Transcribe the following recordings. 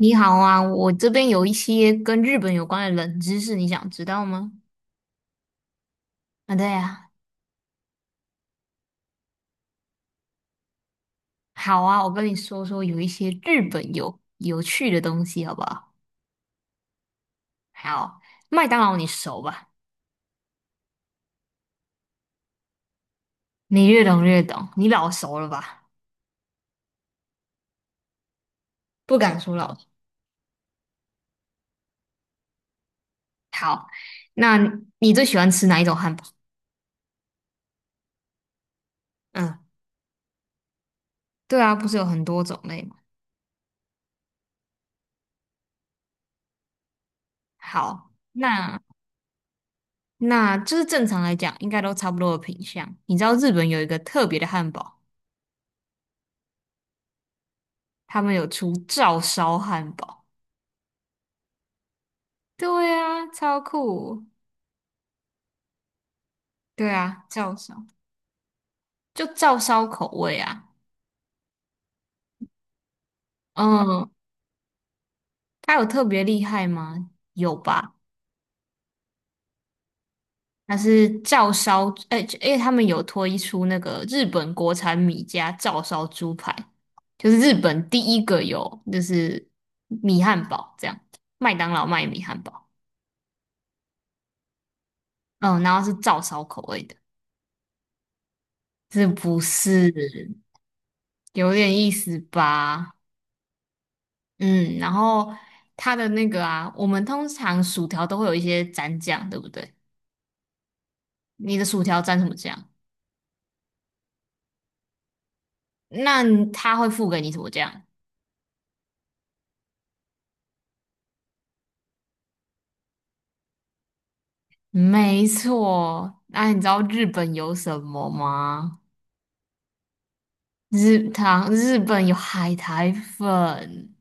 你好啊，我这边有一些跟日本有关的冷知识，你想知道吗？啊，对啊。好啊，我跟你说说有一些日本有趣的东西，好不好？好。麦当劳你熟吧？你越懂越懂，你老熟了吧？不敢说老熟。好，那你最喜欢吃哪一种汉堡？嗯，对啊，不是有很多种类吗？好，那就是正常来讲，应该都差不多的品相。你知道日本有一个特别的汉堡，他们有出照烧汉堡。对啊，超酷。对啊，就照烧口味啊。嗯，它有特别厉害吗？有吧？它是照烧，他们有推出那个日本国产米家照烧猪排，就是日本第一个有，就是米汉堡这样，麦当劳卖米汉堡。嗯，然后是照烧口味的，这不是，有点意思吧？嗯，然后它的那个啊，我们通常薯条都会有一些蘸酱，对不对？你的薯条蘸什么酱？那他会付给你什么酱？没错，那你知道日本有什么吗？日本有海苔粉，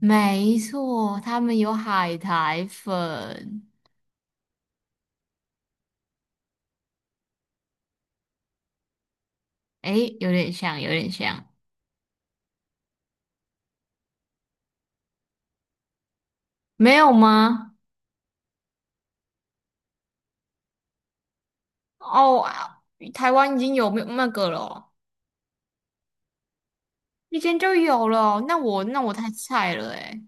没错，他们有海苔粉。诶，有点像，有点像。没有吗？哦，台湾已经有没有那个了哦？以前就有了，那我太菜了诶，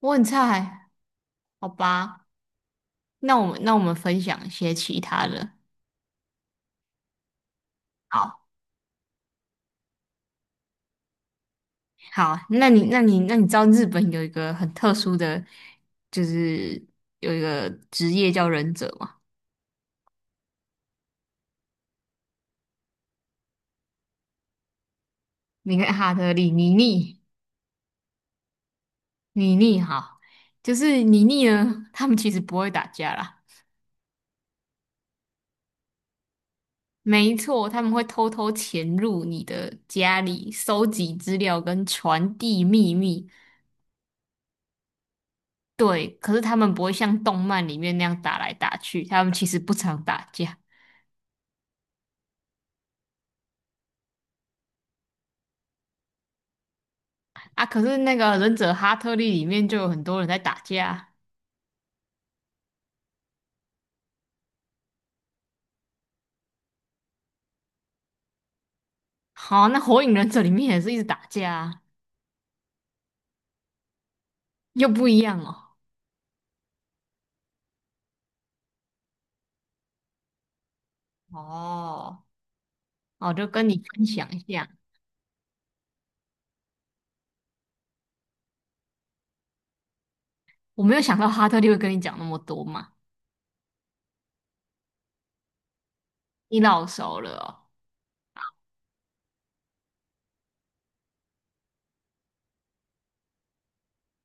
我很菜，好吧？那我们分享一些其他的。好，好啊，那你知道日本有一个很特殊的，就是有一个职业叫忍者吗？你看哈特利、妮妮、妮妮，哈，就是妮妮呢，他们其实不会打架啦。没错，他们会偷偷潜入你的家里，收集资料跟传递秘密。对，可是他们不会像动漫里面那样打来打去，他们其实不常打架啊。可是那个忍者哈特利里面就有很多人在打架。好，那火影忍者里面也是一直打架啊。又不一样哦。哦，我就跟你分享一下。我没有想到哈特利会跟你讲那么多嘛。你老熟了哦。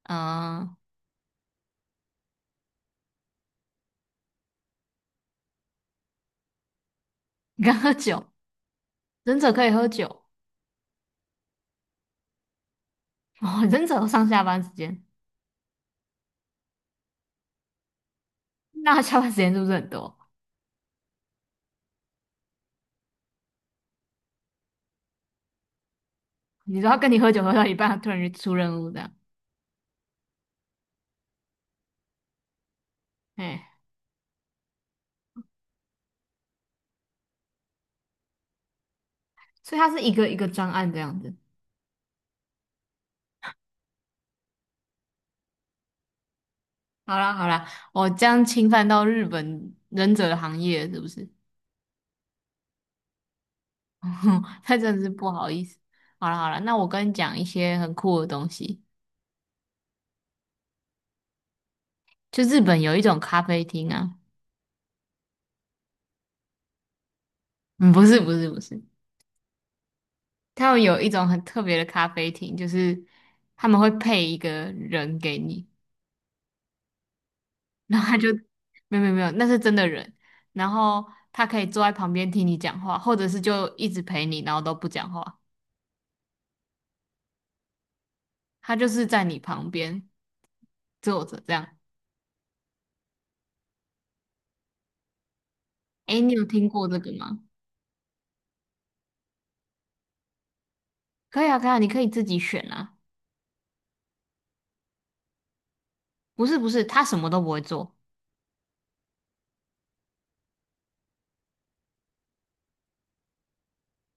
嗯，你刚喝酒，忍者可以喝酒哦，忍者有上下班时间，那他下班时间是不是很多？你说他跟你喝酒喝到一半，他突然就出任务这样，哎。所以它是一个一个专案这样子。好啦好啦，我这样侵犯到日本忍者的行业是不是？那真的是不好意思。好啦好啦，那我跟你讲一些很酷的东西。就日本有一种咖啡厅啊。嗯，不是不是不是，他们有一种很特别的咖啡厅，就是他们会配一个人给你，然后他就，没有没有没有，那是真的人，然后他可以坐在旁边听你讲话，或者是就一直陪你，然后都不讲话。他就是在你旁边坐着这样。诶，你有听过这个吗？可以啊，可以啊，你可以自己选啊。不是不是，他什么都不会做。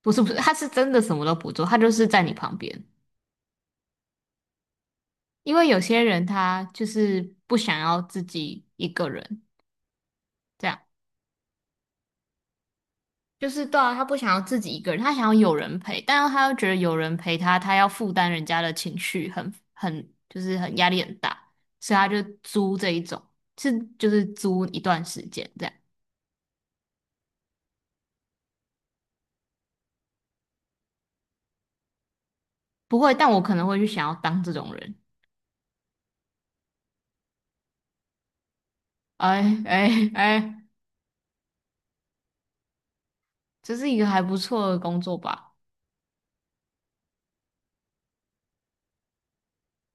不是不是，他是真的什么都不做，他就是在你旁边。因为有些人他就是不想要自己一个人，这样就是对啊，他不想要自己一个人，他想要有人陪，但是他又觉得有人陪他，他要负担人家的情绪很，很就是很压力很大，所以他就租这一种，是就是租一段时间这样。不会，但我可能会去想要当这种人。哎哎哎，这是一个还不错的工作吧？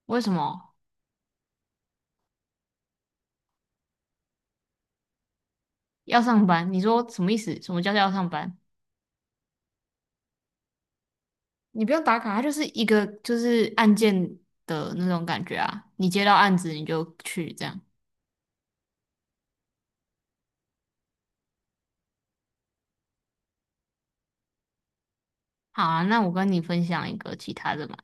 为什么要上班？你说什么意思？什么叫做要上班？你不用打卡，它就是一个就是案件的那种感觉啊。你接到案子你就去这样。好啊，那我跟你分享一个其他的嘛。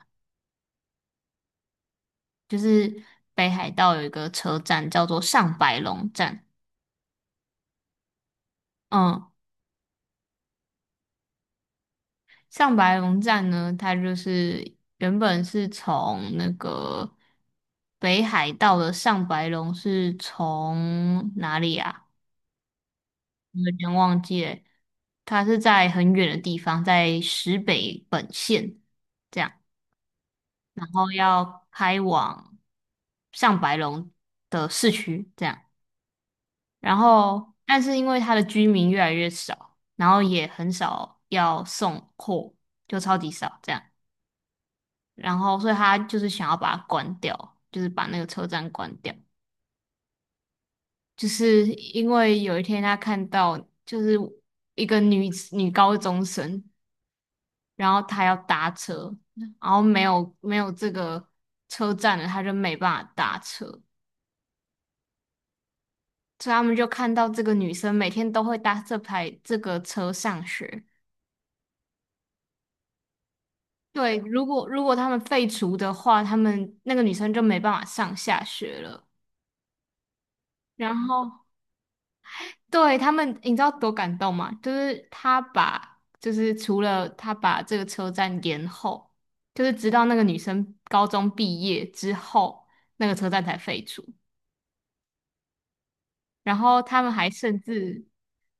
就是北海道有一个车站叫做上白龙站。嗯，上白龙站呢，它就是原本是从那个北海道的上白龙是从哪里啊？我有点忘记了，它是在很远的地方，在石北本线这样，然后要开往上白龙的市区这样，然后但是因为它的居民越来越少，然后也很少要送货，就超级少这样。然后所以他就是想要把它关掉，就是把那个车站关掉，就是因为有一天他看到就是一个女高中生，然后她要搭车，然后没有，没有这个车站了，她就没办法搭车，所以他们就看到这个女生每天都会搭这排这个车上学。对，如果他们废除的话，他们那个女生就没办法上下学了。然后对，他们，你知道多感动吗？就是他把，就是除了他把这个车站延后，就是直到那个女生高中毕业之后，那个车站才废除。然后他们还甚至，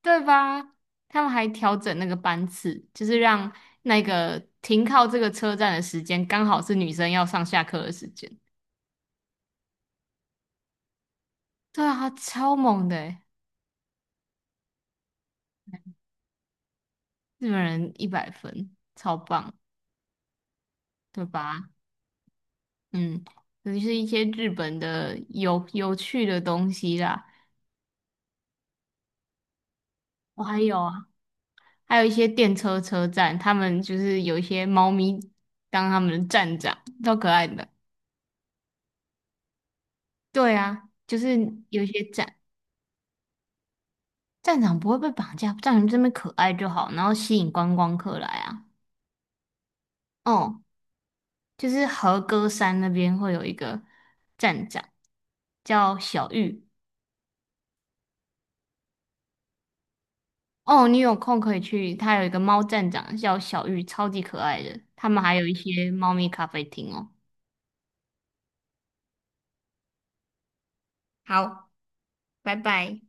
对吧？他们还调整那个班次，就是让那个停靠这个车站的时间刚好是女生要上下课的时间。对啊，超猛的欸。日本人一百分，超棒，对吧？嗯，尤其是一些日本的有趣的东西啦。我还有啊，还有一些电车车站，他们就是有一些猫咪当他们的站长，超可爱的。对啊，就是有一些站长不会被绑架，站长这边可爱就好，然后吸引观光客来啊。哦，就是和歌山那边会有一个站长叫小玉。哦，你有空可以去，它有一个猫站长叫小玉，超级可爱的。他们还有一些猫咪咖啡厅哦。好，拜拜。